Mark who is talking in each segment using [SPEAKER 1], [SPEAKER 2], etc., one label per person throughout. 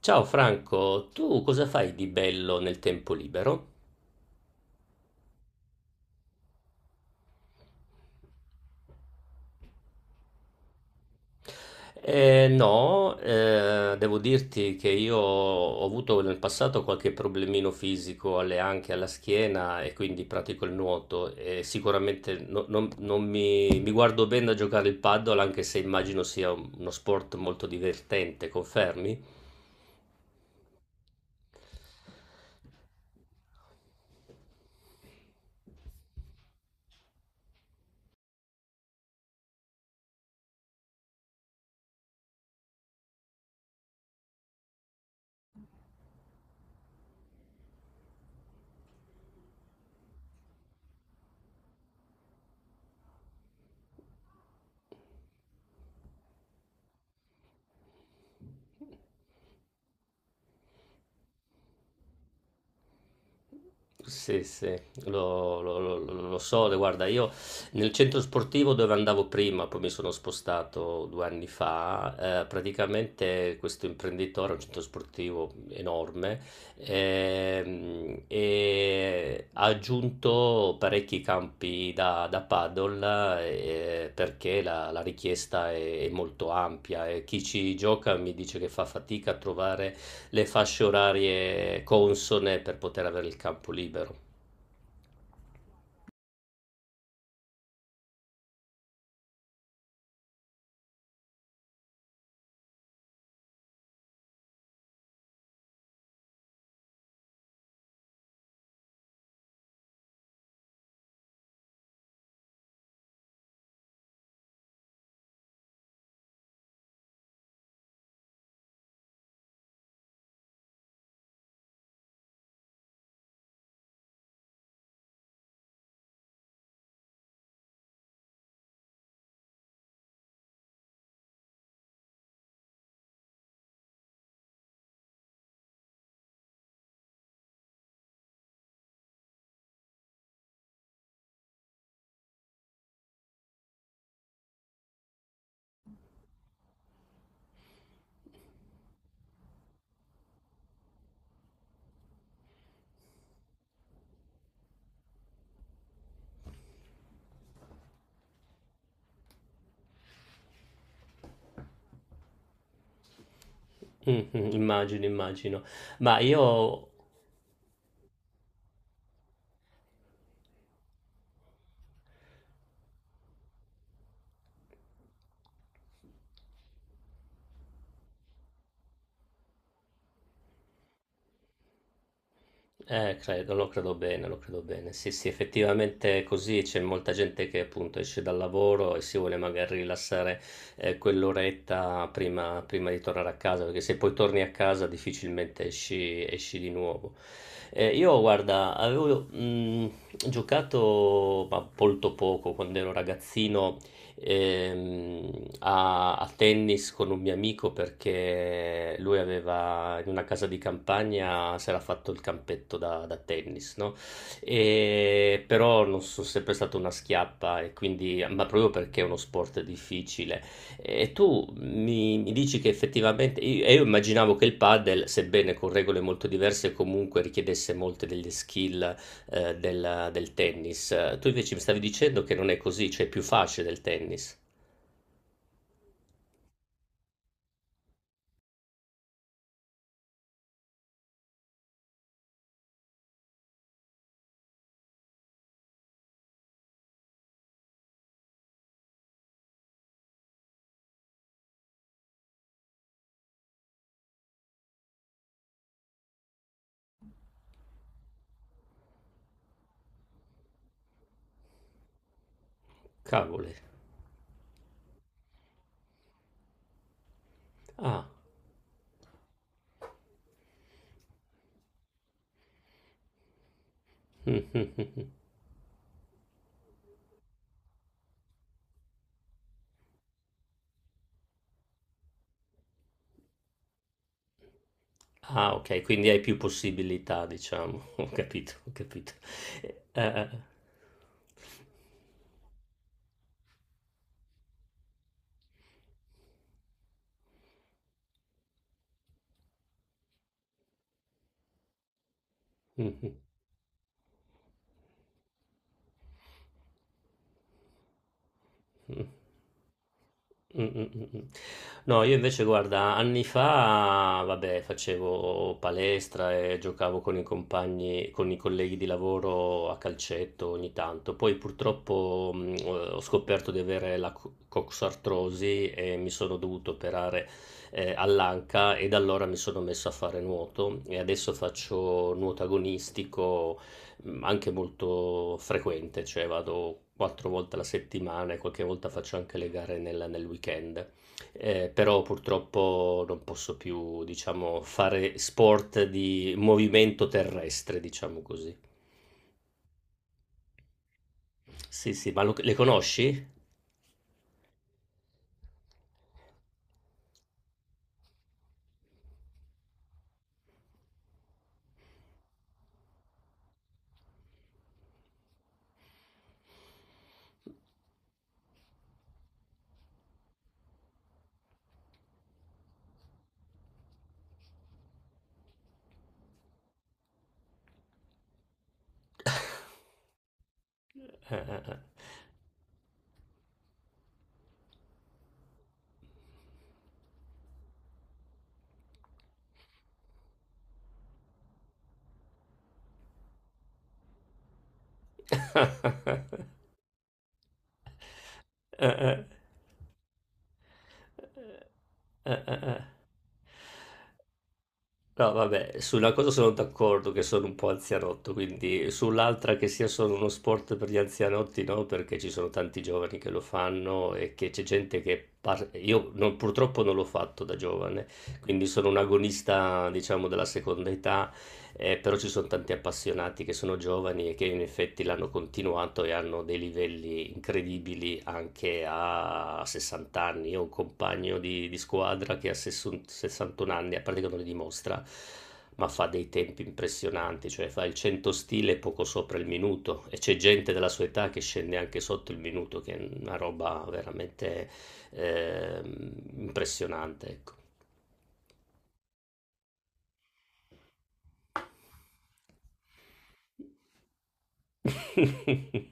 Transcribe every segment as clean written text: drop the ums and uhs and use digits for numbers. [SPEAKER 1] Ciao Franco, tu cosa fai di bello nel tempo libero? No, devo dirti che io ho avuto nel passato qualche problemino fisico alle anche alla schiena e quindi pratico il nuoto e sicuramente non mi guardo bene da giocare il paddle anche se immagino sia uno sport molto divertente, confermi? Sì, sì, lo so, guarda, io nel centro sportivo dove andavo prima, poi mi sono spostato due anni fa, praticamente questo imprenditore, un centro sportivo enorme, e ha aggiunto parecchi campi da paddle perché la richiesta è molto ampia e chi ci gioca mi dice che fa fatica a trovare le fasce orarie consone per poter avere il campo libero. Mhm, immagino, immagino. Ma io credo, lo credo bene, lo credo bene. Sì, sì, effettivamente è così, c'è molta gente che appunto esce dal lavoro e si vuole magari rilassare quell'oretta prima, prima di tornare a casa, perché se poi torni a casa difficilmente esci, esci di nuovo. Io, guarda, avevo giocato ma molto poco quando ero ragazzino ehm, a tennis con un mio amico perché lui aveva in una casa di campagna si era fatto il campetto da tennis, no? E però non sono sempre stata una schiappa, e quindi, ma proprio perché è uno sport difficile. E tu mi dici che effettivamente, io immaginavo che il padel, sebbene con regole molto diverse, comunque richiedesse molte delle skill del tennis. Tu invece mi stavi dicendo che non è così, cioè è più facile del tennis. Cavoli. Ah. Mm, mm, mm, mm. Ah, ok, quindi hai più possibilità, diciamo. Ho capito, ho capito. Eh. Mhm. Mh, mh, mh, mh. No, io invece guarda, anni fa, vabbè, facevo palestra e giocavo con i compagni, con i colleghi di lavoro a calcetto ogni tanto. Poi purtroppo ho scoperto di avere la coxartrosi e mi sono dovuto operare all'anca e da allora mi sono messo a fare nuoto e adesso faccio nuoto agonistico anche molto frequente, cioè vado quattro volte alla settimana e qualche volta faccio anche le gare nel weekend. Però purtroppo non posso più, diciamo, fare sport di movimento terrestre, diciamo così. Sì, sì, ma le conosci? Eh. Eh, eh, eh. No, vabbè, sulla cosa sono d'accordo che sono un po' anzianotto, quindi sull'altra che sia solo uno sport per gli anzianotti, no, perché ci sono tanti giovani che lo fanno e che c'è gente che... par- Io non- purtroppo non l'ho fatto da giovane, quindi sono un agonista, diciamo, della seconda età. Però ci sono tanti appassionati che sono giovani e che in effetti l'hanno continuato e hanno dei livelli incredibili anche a 60 anni. Io ho un compagno di squadra che a 60 61 anni, a parte che non li dimostra, ma fa dei tempi impressionanti, cioè fa il 100 stile poco sopra il minuto e c'è gente della sua età che scende anche sotto il minuto, che è una roba veramente ehm, impressionante, ecco.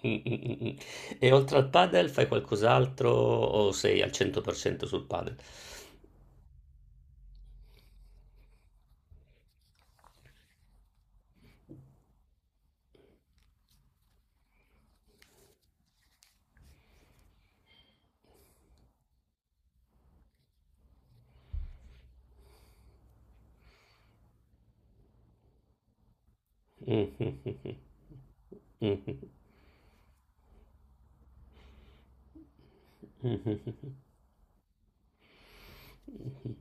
[SPEAKER 1] E oltre al padel fai qualcos'altro o sei al 100% sul padel? Mhm. Mhm. Mhm.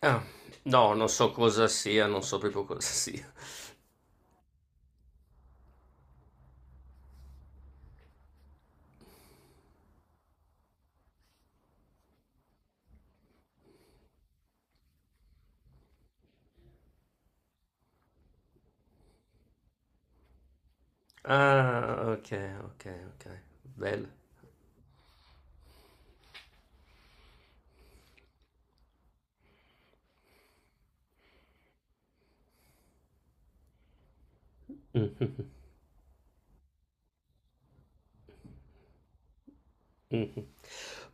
[SPEAKER 1] Ah, no, non so cosa sia, non so proprio cosa sia. Ah, ok, ok, ok, bello. Mh-mh.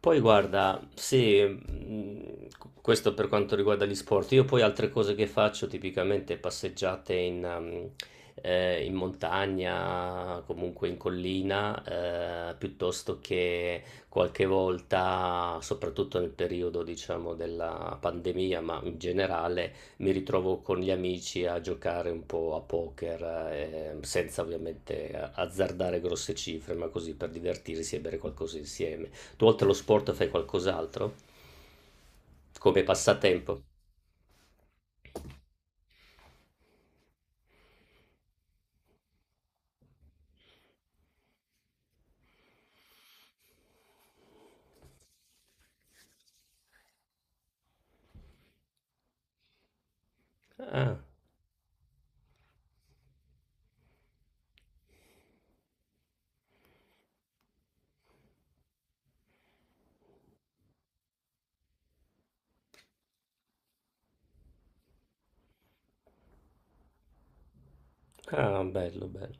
[SPEAKER 1] Poi guarda, sì, q questo per quanto riguarda gli sport. Io poi altre cose che faccio tipicamente passeggiate in in montagna, comunque in collina, piuttosto che qualche volta, soprattutto nel periodo diciamo della pandemia, ma in generale, mi ritrovo con gli amici a giocare un po' a poker, senza ovviamente azzardare grosse cifre, ma così per divertirsi e bere qualcosa insieme. Tu oltre allo sport fai qualcos'altro? Come passatempo? Ah, ah, bello, bello.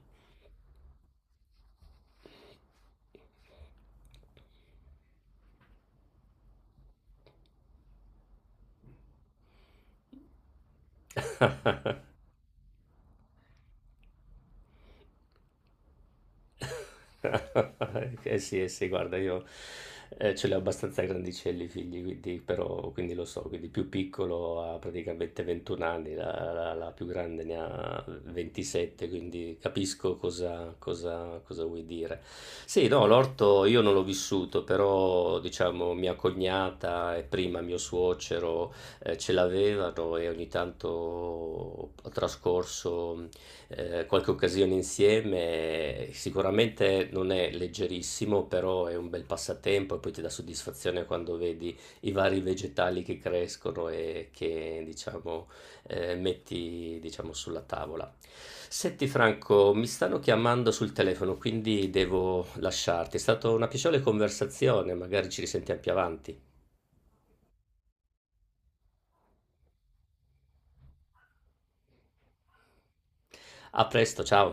[SPEAKER 1] Sì, eh sì, guarda, io ce li ho abbastanza grandicelli i figli, quindi, però, quindi lo so, quindi più piccolo ha praticamente 21 anni, la più grande ne ha 27, quindi capisco cosa, cosa vuoi dire. Sì, no, l'orto io non l'ho vissuto, però diciamo mia cognata e prima mio suocero ce l'avevano e ogni tanto ho trascorso qualche occasione insieme. Sicuramente non è leggerissimo, però è un bel passatempo e poi ti dà soddisfazione quando vedi i vari vegetali che crescono e che diciamo metti diciamo, sulla tavola. Senti Franco, mi stanno chiamando sul telefono, quindi devo lasciarti. È stata una piacevole conversazione, magari ci risentiamo più avanti. A presto, ciao.